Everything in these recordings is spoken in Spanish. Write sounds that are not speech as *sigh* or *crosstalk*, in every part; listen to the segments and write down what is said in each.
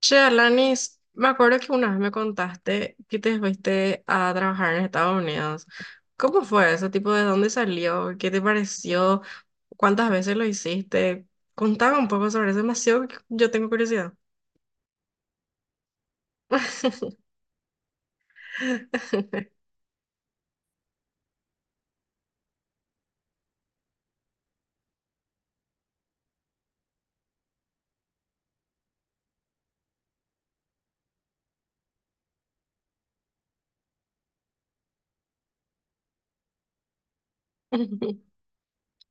Che, Alanis, me acuerdo que una vez me contaste que te fuiste a trabajar en Estados Unidos. ¿Cómo fue eso? Tipo, ¿de dónde salió? ¿Qué te pareció? ¿Cuántas veces lo hiciste? Contaba un poco sobre eso, demasiado que yo tengo curiosidad. *laughs*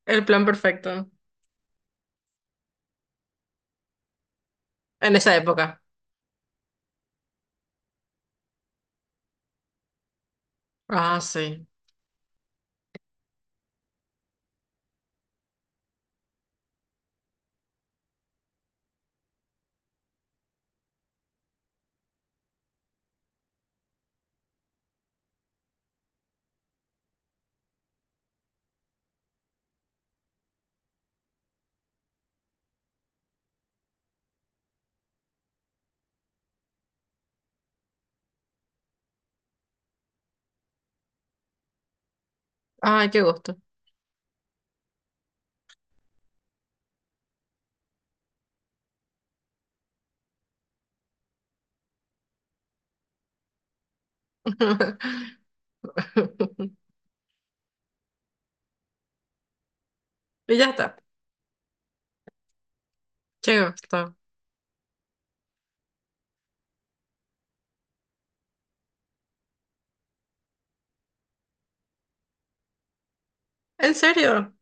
El plan perfecto en esa época. Ah, sí. Ay, qué gusto. *laughs* Y ya está. Qué gusto. ¿En serio?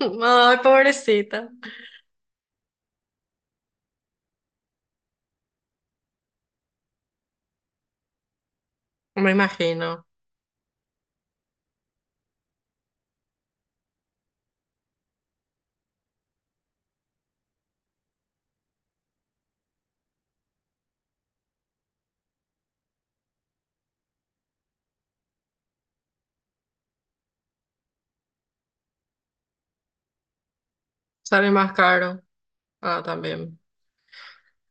Ay, pobrecita. Me imagino. Sale más caro. Ah, también.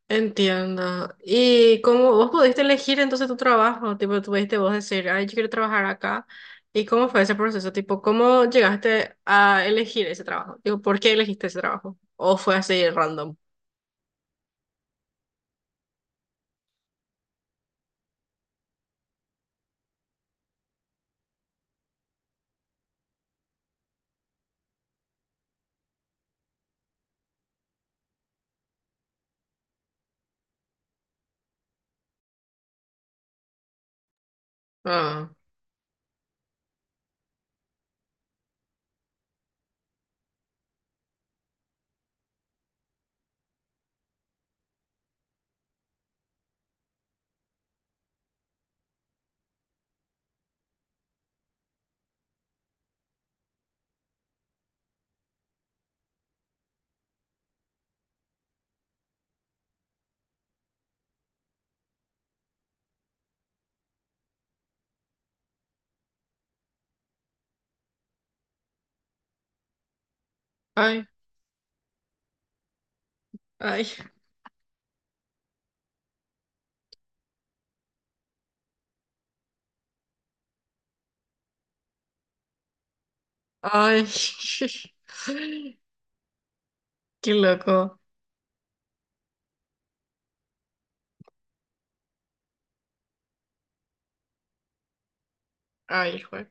Entiendo. ¿Y cómo vos pudiste elegir entonces tu trabajo? Tipo, tuviste vos decir, ay, yo quiero trabajar acá. ¿Y cómo fue ese proceso? Tipo, ¿cómo llegaste a elegir ese trabajo? Digo, ¿por qué elegiste ese trabajo? ¿O fue así random? Ah, ay, ay, ay. *laughs* Qué loco. Ay, jue-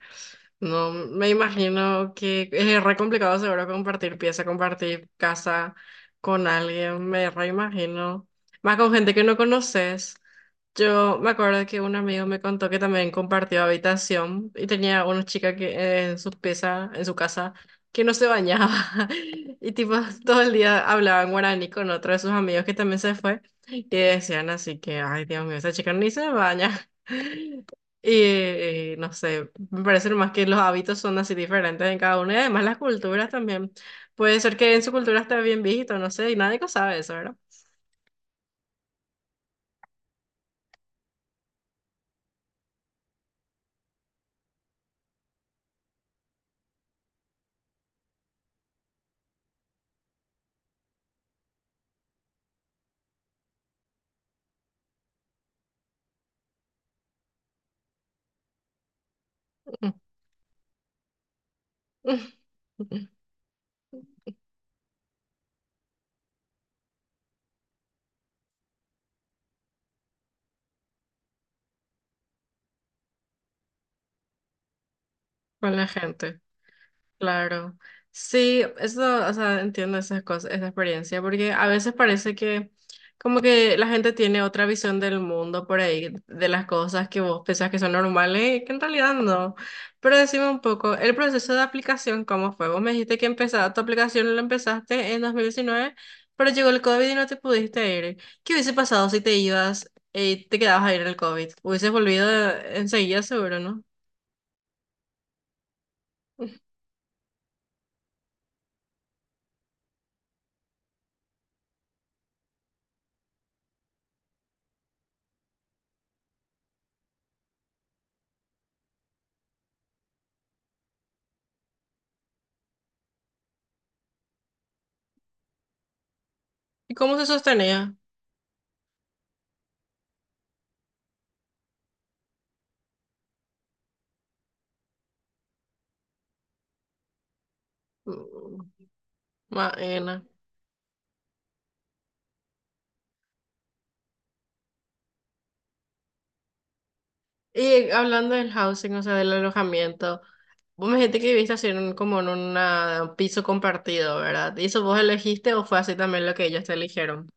No, me imagino que es re complicado seguro compartir pieza, compartir casa con alguien, me re imagino. Más con gente que no conoces. Yo me acuerdo que un amigo me contó que también compartió habitación y tenía una chica que en su pieza, en su casa, que no se bañaba *laughs* y tipo todo el día hablaba en guaraní con otro de sus amigos que también se fue y decían así que, ay, Dios mío, esa chica ni se baña. *laughs* Y no sé, me parece más que los hábitos son así diferentes en cada uno y además las culturas también. Puede ser que en su cultura esté bien visto, no sé, y nadie que sabe eso, ¿verdad? *laughs* Con la gente. Claro. Sí, eso, o sea, entiendo esas cosas, esa experiencia, porque a veces parece que como que la gente tiene otra visión del mundo por ahí, de las cosas que vos pensás que son normales, que en realidad no. Pero decime un poco, el proceso de aplicación, ¿cómo fue? Vos me dijiste que empezaba tu aplicación la empezaste en 2019, pero llegó el COVID y no te pudiste ir. ¿Qué hubiese pasado si te ibas y te quedabas ahí en el COVID? Hubieses volvido enseguida, seguro, ¿no? *laughs* ¿Y cómo se sostenía? Maena. Y hablando del housing, o sea, del alojamiento, vos me dijiste que viviste así en como en un piso compartido, ¿verdad? ¿Y eso vos elegiste o fue así también lo que ellos te eligieron?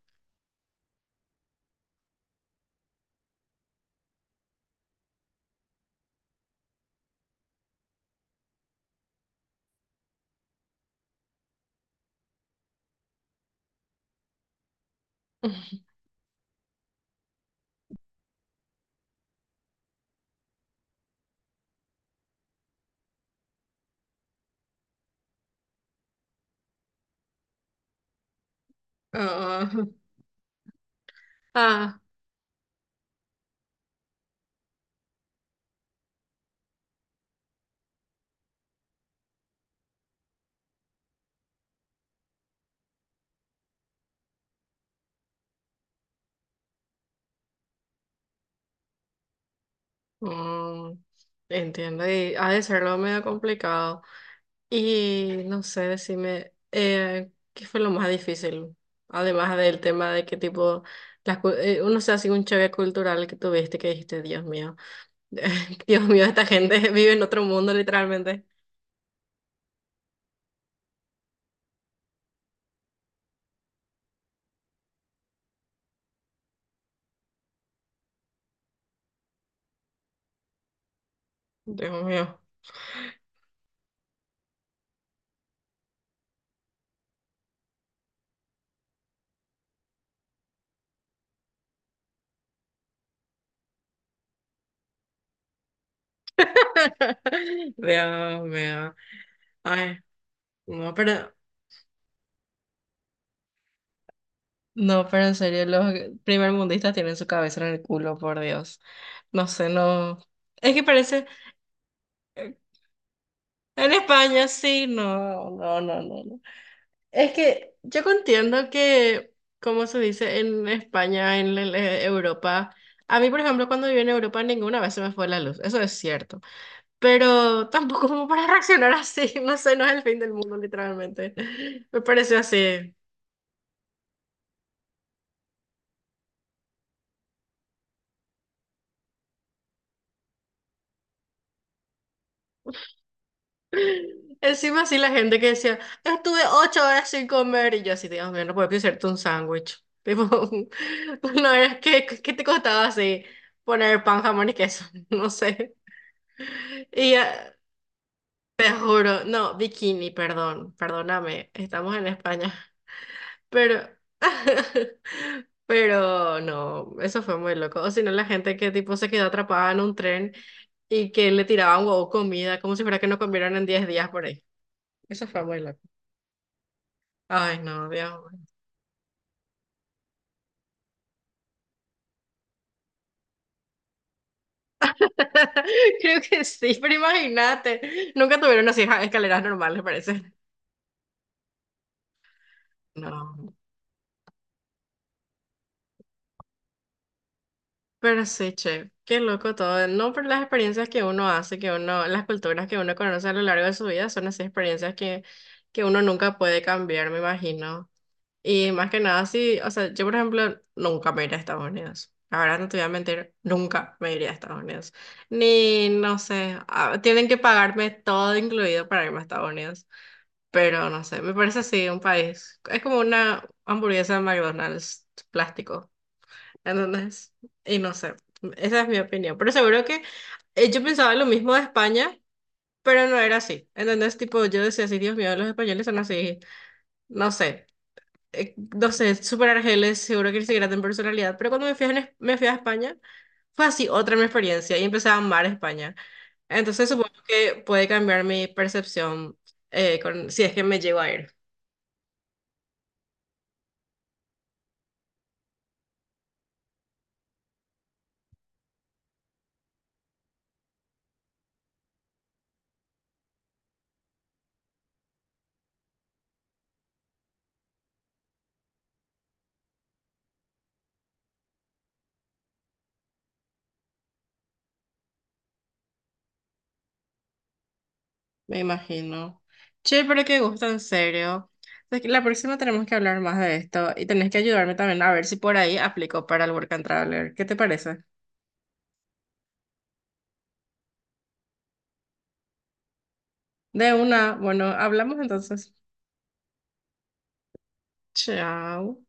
Ah, ah, *laughs* mm, entiendo, y ha de ser lo medio complicado. Y no sé, decime, ¿qué fue lo más difícil? Además del tema de que tipo, uno se hace un choque cultural que tuviste que dijiste, Dios mío. *laughs* Dios mío, esta gente *laughs* vive en otro mundo, literalmente. Dios mío. *laughs* Dios mío. Ay, no, pero, no, pero en serio, los primermundistas tienen su cabeza en el culo, por Dios. No sé, no. Es que parece, en España sí, no, no, no, no, no. Es que yo entiendo que, como se dice en España, en Europa, a mí, por ejemplo, cuando viví en Europa, ninguna vez se me fue la luz. Eso es cierto. Pero tampoco como para reaccionar así, *laughs* no sé, no es el fin del mundo, literalmente. Me pareció así. Encima así la gente que decía, estuve 8 horas sin comer, y yo así, Dios mío, no puedo hacerte un sándwich. Tipo, *laughs* no es que, ¿qué te costaba así poner pan, jamón y queso? *laughs* No sé. Y te juro, no, bikini, perdón, perdóname, estamos en España. Pero, *laughs* pero no, eso fue muy loco. O si no, la gente que tipo se quedó atrapada en un tren y que le tiraban huevo comida, como si fuera que no comieron en 10 días por ahí. Eso fue muy loco. Ay, no, Dios mío. *laughs* Creo que sí, pero imagínate. Nunca tuvieron así ja, escaleras normales, parece. No. Pero sí, che, qué loco todo. No, pero las experiencias que uno hace, que uno, las culturas que uno conoce a lo largo de su vida son así experiencias que uno nunca puede cambiar, me imagino. Y más que nada, sí, o sea, yo por ejemplo nunca me iría a Estados Unidos. La verdad, no te voy a mentir, nunca me iría a Estados Unidos. Ni, no sé, ah, tienen que pagarme todo incluido para irme a Estados Unidos. Pero no sé, me parece así un país. Es como una hamburguesa de McDonald's plástico. Entonces, y no sé, esa es mi opinión. Pero seguro que yo pensaba lo mismo de España, pero no era así. Entonces, tipo, yo decía así, Dios mío, los españoles son así. No sé no sé, súper argeles, seguro que se grata en personalidad, pero cuando me fui a España, fue así otra mi experiencia y empecé a amar España. Entonces supongo que puede cambiar mi percepción con, si es que me llego a ir, me imagino. Che, pero qué gusto, en serio. Es que la próxima tenemos que hablar más de esto y tenés que ayudarme también a ver si por ahí aplico para el Work and Traveler. ¿Qué te parece? De una, bueno, hablamos entonces. Chao.